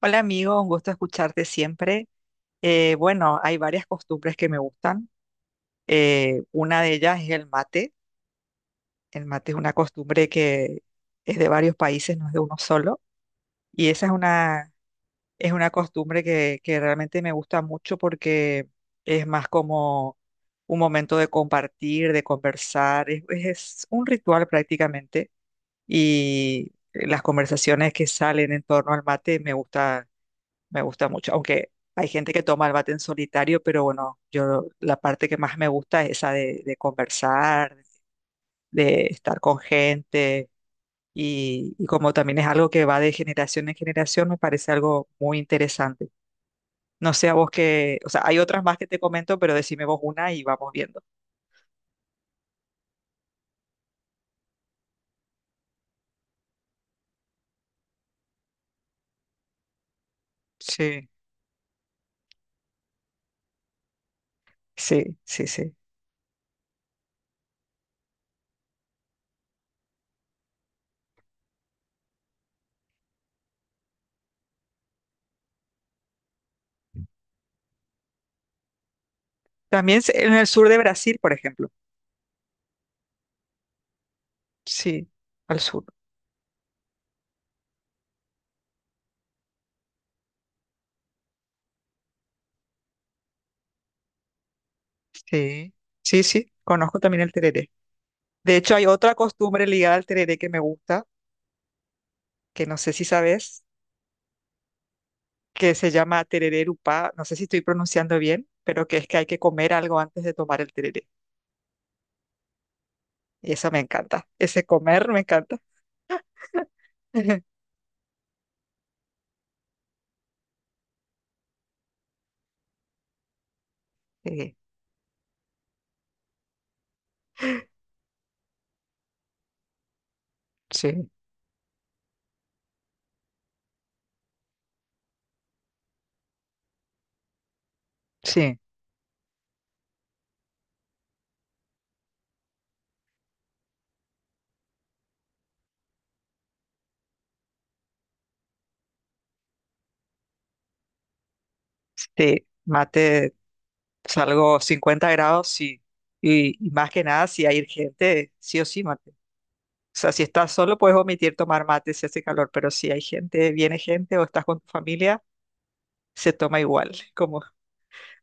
Hola amigo, un gusto escucharte siempre. Bueno, hay varias costumbres que me gustan. Una de ellas es el mate. El mate es una costumbre que es de varios países, no es de uno solo. Y esa es una costumbre que realmente me gusta mucho porque es más como un momento de compartir, de conversar. Es un ritual prácticamente. Y las conversaciones que salen en torno al mate me gusta mucho, aunque hay gente que toma el mate en solitario, pero bueno, yo la parte que más me gusta es esa de conversar, de estar con gente y como también es algo que va de generación en generación, me parece algo muy interesante. No sé a vos que, o sea, hay otras más que te comento, pero decime vos una y vamos viendo. Sí, sí, sí, sí. También en el sur de Brasil, por ejemplo. Sí, al sur. Sí, sí, sí, conozco también el tereré. De hecho, hay otra costumbre ligada al tereré que me gusta, que no sé si sabes, que se llama tereré erupá, no sé si estoy pronunciando bien, pero que es que hay que comer algo antes de tomar el tereré. Y eso me encanta. Ese comer me encanta. Sí, sí, sí, sí. Mate, salgo 50 grados, sí. Y más que nada, si hay gente, sí o sí, mate. O sea, si estás solo, puedes omitir tomar mate si hace calor, pero si hay gente, viene gente o estás con tu familia, se toma igual, como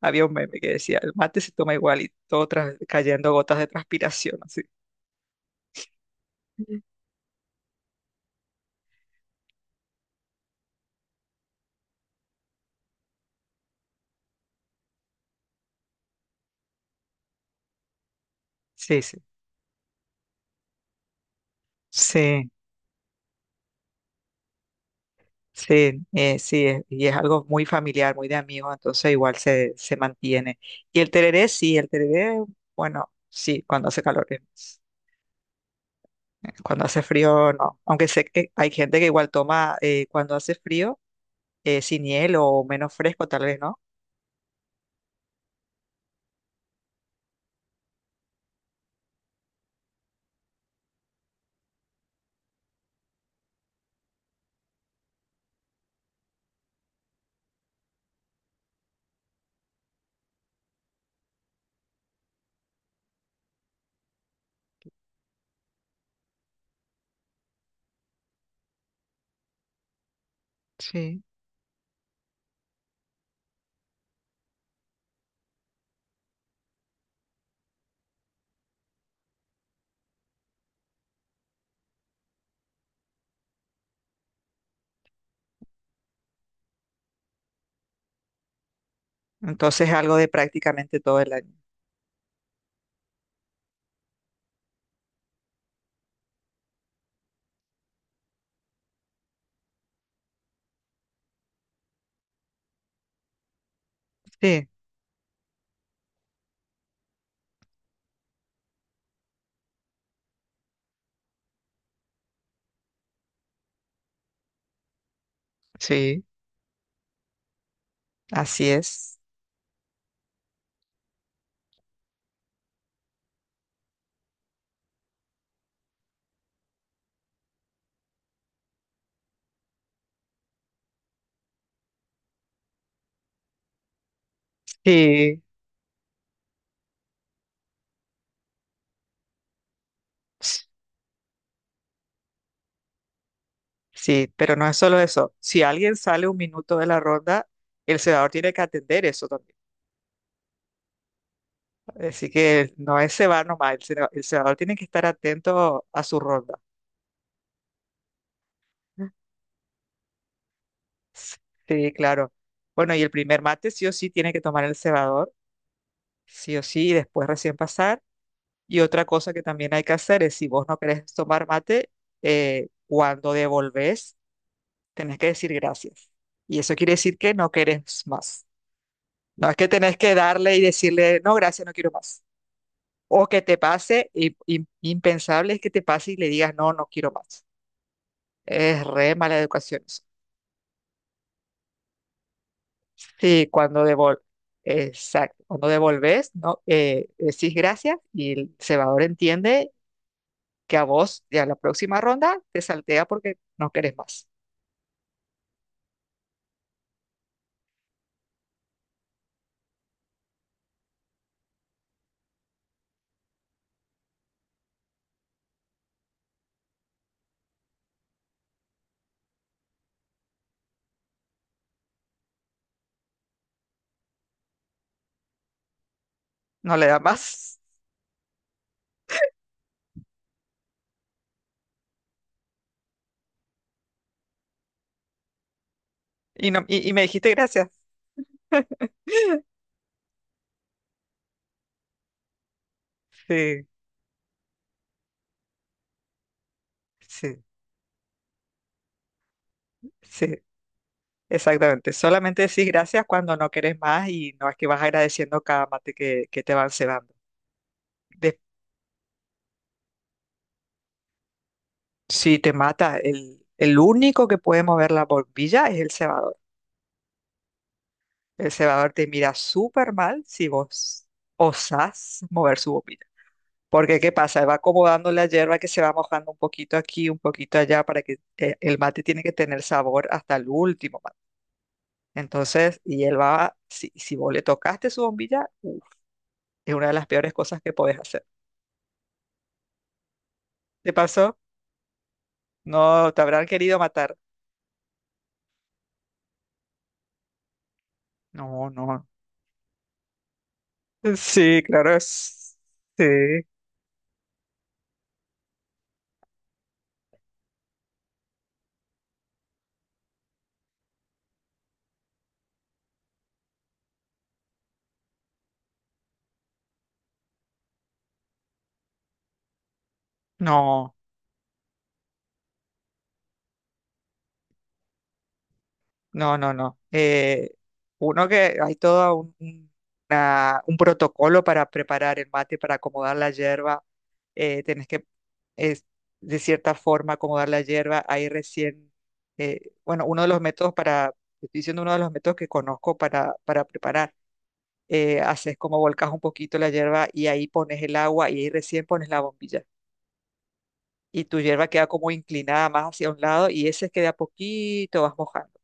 Había un meme que decía, el mate se toma igual y todo cayendo gotas de transpiración, así. Ujú. Sí, sí, sí, sí, sí, y es algo muy familiar, muy de amigos, entonces igual se mantiene. Y el tereré, sí, el tereré, bueno, sí, cuando hace calor, cuando hace frío, no. Aunque sé que hay gente que igual toma cuando hace frío, sin hielo o menos fresco, tal vez, ¿no? Sí. Entonces es algo de prácticamente todo el año. Sí, sí, así es. Sí. Sí, pero no es solo eso. Si alguien sale un minuto de la ronda, el cebador tiene que atender eso también. Así que no es cebar nomás, el cebador tiene que estar atento a su ronda. Sí, claro. Bueno, y el primer mate sí o sí tiene que tomar el cebador, sí o sí, y después recién pasar. Y otra cosa que también hay que hacer es, si vos no querés tomar mate, cuando devolvés, tenés que decir gracias. Y eso quiere decir que no querés más. No es que tenés que darle y decirle, no, gracias, no quiero más. O que te pase, impensable es que te pase y le digas, no, no quiero más. Es re mala educación eso. Sí, cuando devol exacto, cuando devolves, no, decís gracias y el cebador entiende que a vos, ya la próxima ronda, te saltea porque no querés más. No le da más. Y, no, y me dijiste gracias. Sí, sí, sí. Exactamente, solamente decís gracias cuando no querés más y no es que vas agradeciendo cada mate que te van cebando. De- si te mata, el único que puede mover la bombilla es el cebador. El cebador te mira súper mal si vos osás mover su bombilla. Porque, ¿qué pasa? Él va acomodando la hierba que se va mojando un poquito aquí, un poquito allá, para que el mate tiene que tener sabor hasta el último mate. Entonces, y él va, si vos le tocaste su bombilla, uf, es una de las peores cosas que podés hacer. ¿Te pasó? No, te habrán querido matar. No, no. Sí, claro. Sí. No, no, no, no. Uno que hay todo un protocolo para preparar el mate, para acomodar la hierba. Eh, tenés que, es, de cierta forma, acomodar la hierba. Ahí recién, bueno, uno de los métodos. Te estoy diciendo uno de los métodos que conozco para preparar. Haces como volcas un poquito la hierba y ahí pones el agua y ahí recién pones la bombilla. Y tu hierba queda como inclinada más hacia un lado y ese es que de a poquito vas mojando.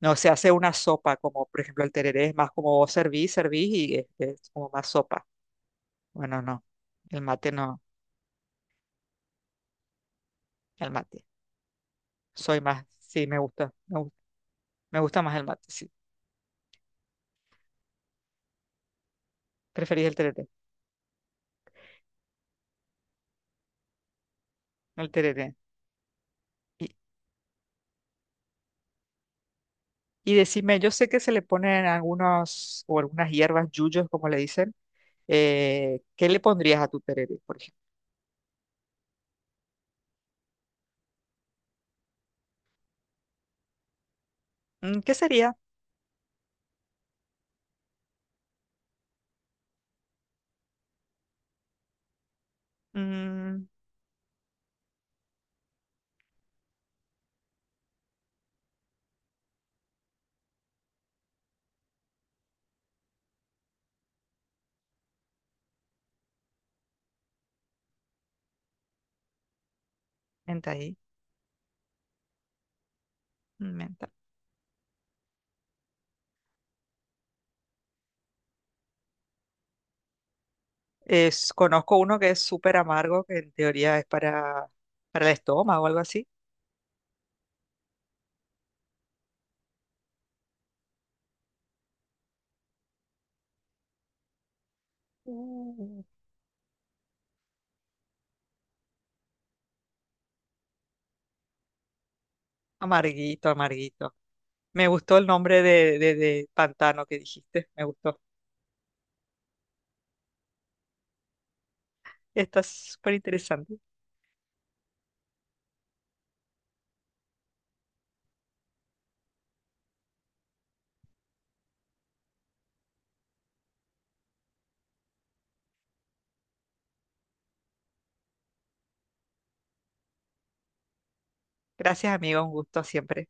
No se hace una sopa, como por ejemplo el tereré, es más como vos servís, servís y es como más sopa. Bueno, no, el mate no, el mate. Soy más, sí, me gusta más el mate, sí. Preferís el tereré, el tereré. Y, y decime, yo sé que se le ponen algunos o algunas hierbas, yuyos, como le dicen. ¿Qué le pondrías a tu tereré, por ejemplo? Mm, ¿qué sería? Mm, menta ahí, menta. Conozco uno que es súper amargo, que en teoría es para el estómago o algo así. Uh, Amarguito, amarguito. Me gustó el nombre de pantano que dijiste, me gustó. Está súper interesante. Gracias, amigo, un gusto siempre.